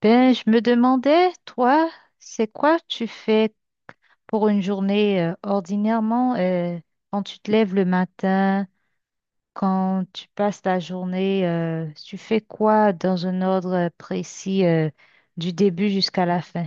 Ben, je me demandais, toi, c'est quoi tu fais pour une journée ordinairement, quand tu te lèves le matin, quand tu passes ta journée, tu fais quoi dans un ordre précis, du début jusqu'à la fin?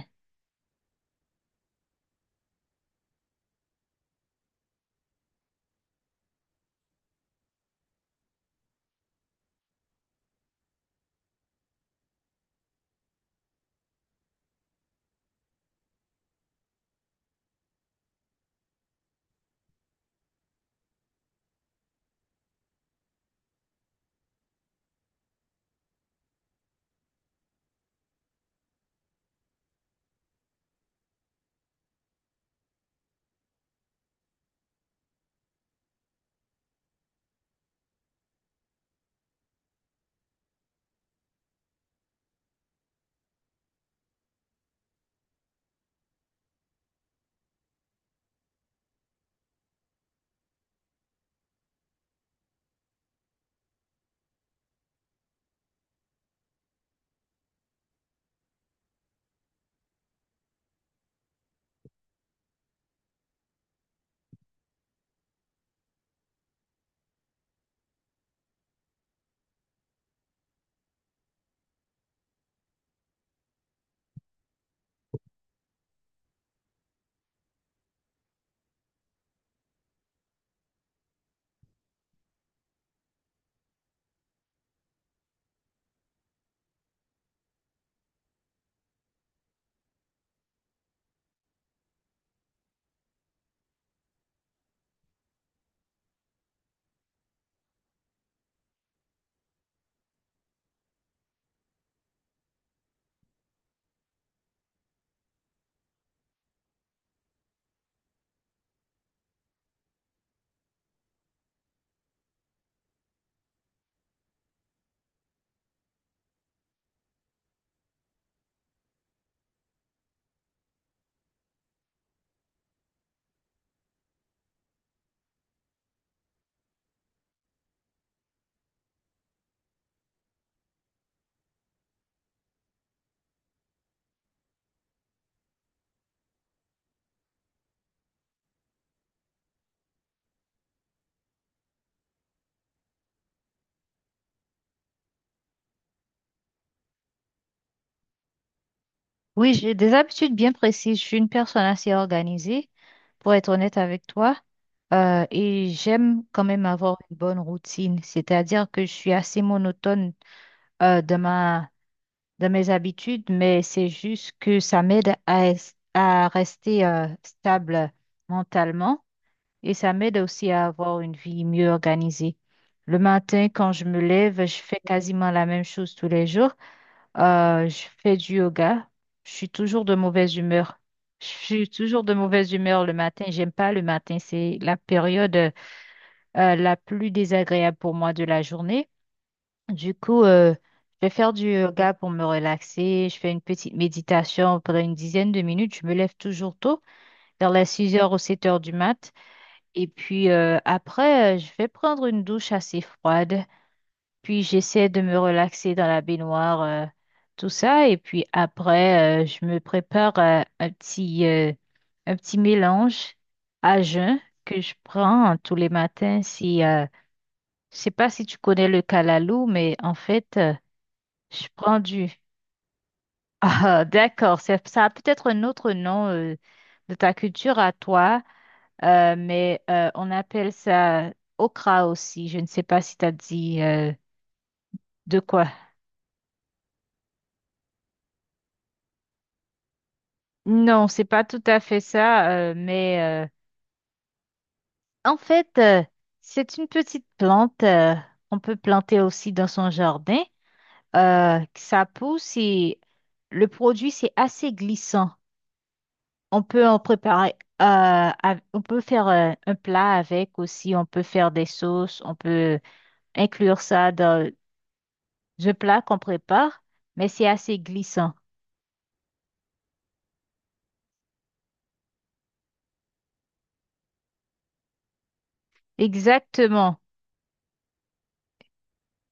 Oui, j'ai des habitudes bien précises. Je suis une personne assez organisée, pour être honnête avec toi, et j'aime quand même avoir une bonne routine, c'est-à-dire que je suis assez monotone dans ma de mes habitudes, mais c'est juste que ça m'aide à, à rester stable mentalement, et ça m'aide aussi à avoir une vie mieux organisée. Le matin, quand je me lève, je fais quasiment la même chose tous les jours. Je fais du yoga. Je suis toujours de mauvaise humeur. Je suis toujours de mauvaise humeur le matin. J'aime pas le matin. C'est la période la plus désagréable pour moi de la journée. Du coup, je vais faire du yoga pour me relaxer. Je fais une petite méditation pendant une dizaine de minutes. Je me lève toujours tôt, vers les 6 heures ou 7 heures du mat. Et puis après, je vais prendre une douche assez froide. Puis j'essaie de me relaxer dans la baignoire, tout ça. Et puis après, je me prépare un petit mélange à jeun que je prends tous les matins. Si, je sais pas si tu connais le calalou, mais en fait... je prends du. Ah, d'accord. C'est, ça a peut-être un autre nom de ta culture à toi, mais on appelle ça okra aussi. Je ne sais pas si tu as dit de quoi. Non, c'est pas tout à fait ça, mais en fait, c'est une petite plante qu'on peut planter aussi dans son jardin. Que ça pousse et le produit, c'est assez glissant. On peut en préparer, euh, on peut faire un plat avec aussi, on peut faire des sauces, on peut inclure ça dans le plat qu'on prépare, mais c'est assez glissant. Exactement.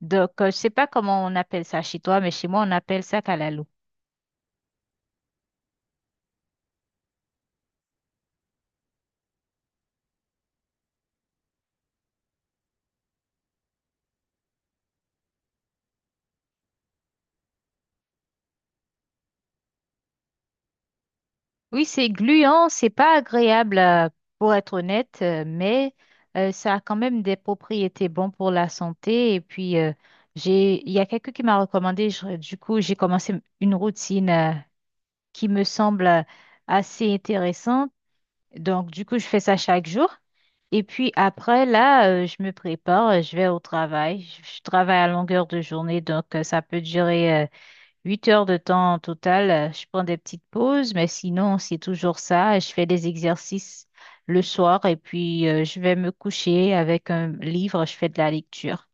Donc, je sais pas comment on appelle ça chez toi, mais chez moi, on appelle ça kalalou. Oui, c'est gluant, c'est pas agréable, pour être honnête, mais ça a quand même des propriétés bonnes pour la santé. Et puis, il y a quelqu'un qui m'a recommandé, du coup, j'ai commencé une routine qui me semble assez intéressante. Donc, du coup, je fais ça chaque jour. Et puis après, là, je me prépare, je vais au travail. Je travaille à longueur de journée, donc ça peut durer. 8 heures de temps en total, je prends des petites pauses, mais sinon, c'est toujours ça. Je fais des exercices le soir et puis je vais me coucher avec un livre, je fais de la lecture.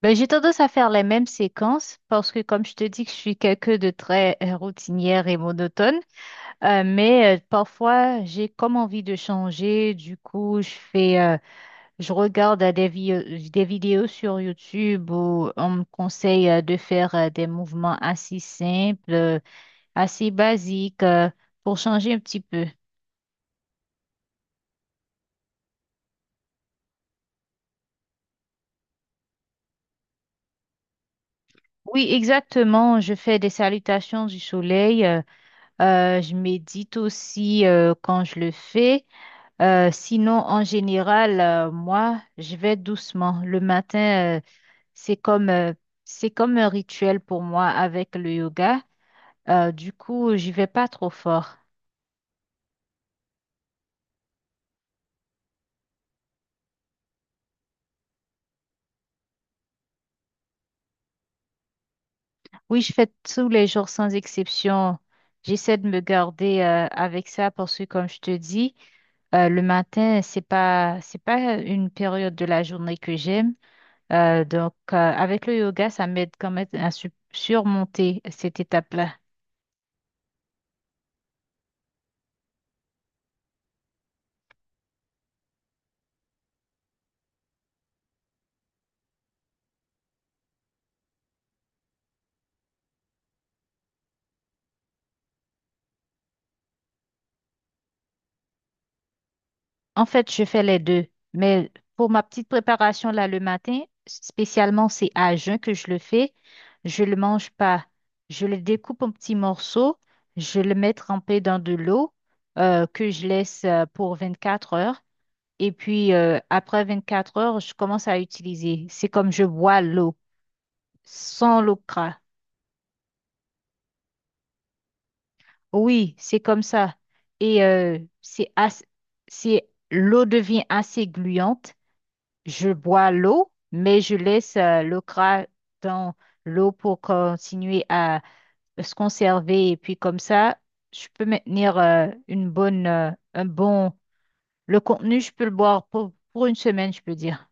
Ben, j'ai tendance à faire les mêmes séquences parce que, comme je te dis, que je suis quelqu'un de très routinière et monotone. Mais parfois, j'ai comme envie de changer. Du coup, je fais, je regarde des vidéos sur YouTube où on me conseille de faire des mouvements assez simples, assez basique, pour changer un petit peu. Oui, exactement. Je fais des salutations du soleil. Je médite aussi quand je le fais. Sinon, en général, moi, je vais doucement. Le matin, c'est comme, euh, c'est comme un rituel pour moi avec le yoga. Du coup, j'y vais pas trop fort. Oui, je fais tous les jours sans exception. J'essaie de me garder avec ça parce que, comme je te dis, le matin, c'est pas une période de la journée que j'aime. Donc, avec le yoga, ça m'aide quand même à surmonter cette étape-là. En fait, je fais les deux. Mais pour ma petite préparation là le matin, spécialement c'est à jeun que je le fais. Je le mange pas. Je le découpe en petits morceaux. Je le mets trempé dans de l'eau, que je laisse pour 4 heures. Et puis après 4 heures, je commence à utiliser. C'est comme je bois l'eau sans l'eau cra. Oui, c'est comme ça. Et c'est c'est l'eau devient assez gluante. Je bois l'eau, mais je laisse le gras dans l'eau pour continuer à se conserver. Et puis comme ça, je peux maintenir une bonne, un bon... Le contenu, je peux le boire pour une semaine, je peux dire.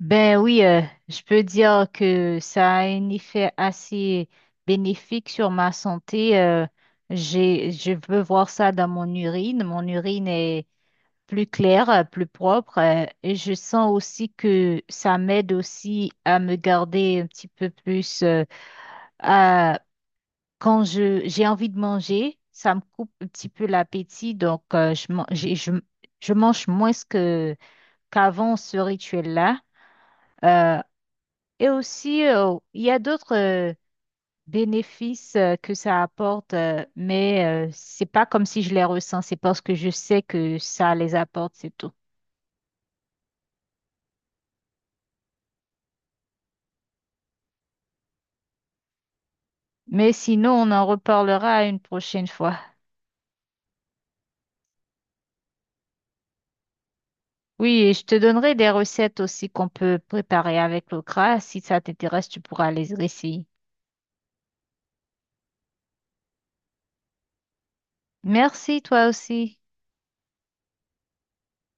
Ben oui, je peux dire que ça a un effet assez bénéfique sur ma santé. Je veux voir ça dans mon urine. Mon urine est plus clair, plus propre. Et je sens aussi que ça m'aide aussi à me garder un petit peu plus, à, quand j'ai envie de manger, ça me coupe un petit peu l'appétit. Donc, je mange moins que, qu'avant ce rituel-là. Euh, et aussi, il y a d'autres bénéfices que ça apporte, mais c'est pas comme si je les ressens. C'est parce que je sais que ça les apporte, c'est tout. Mais sinon, on en reparlera une prochaine fois. Oui, et je te donnerai des recettes aussi qu'on peut préparer avec le gras. Si ça t'intéresse, tu pourras les essayer. Merci, toi aussi.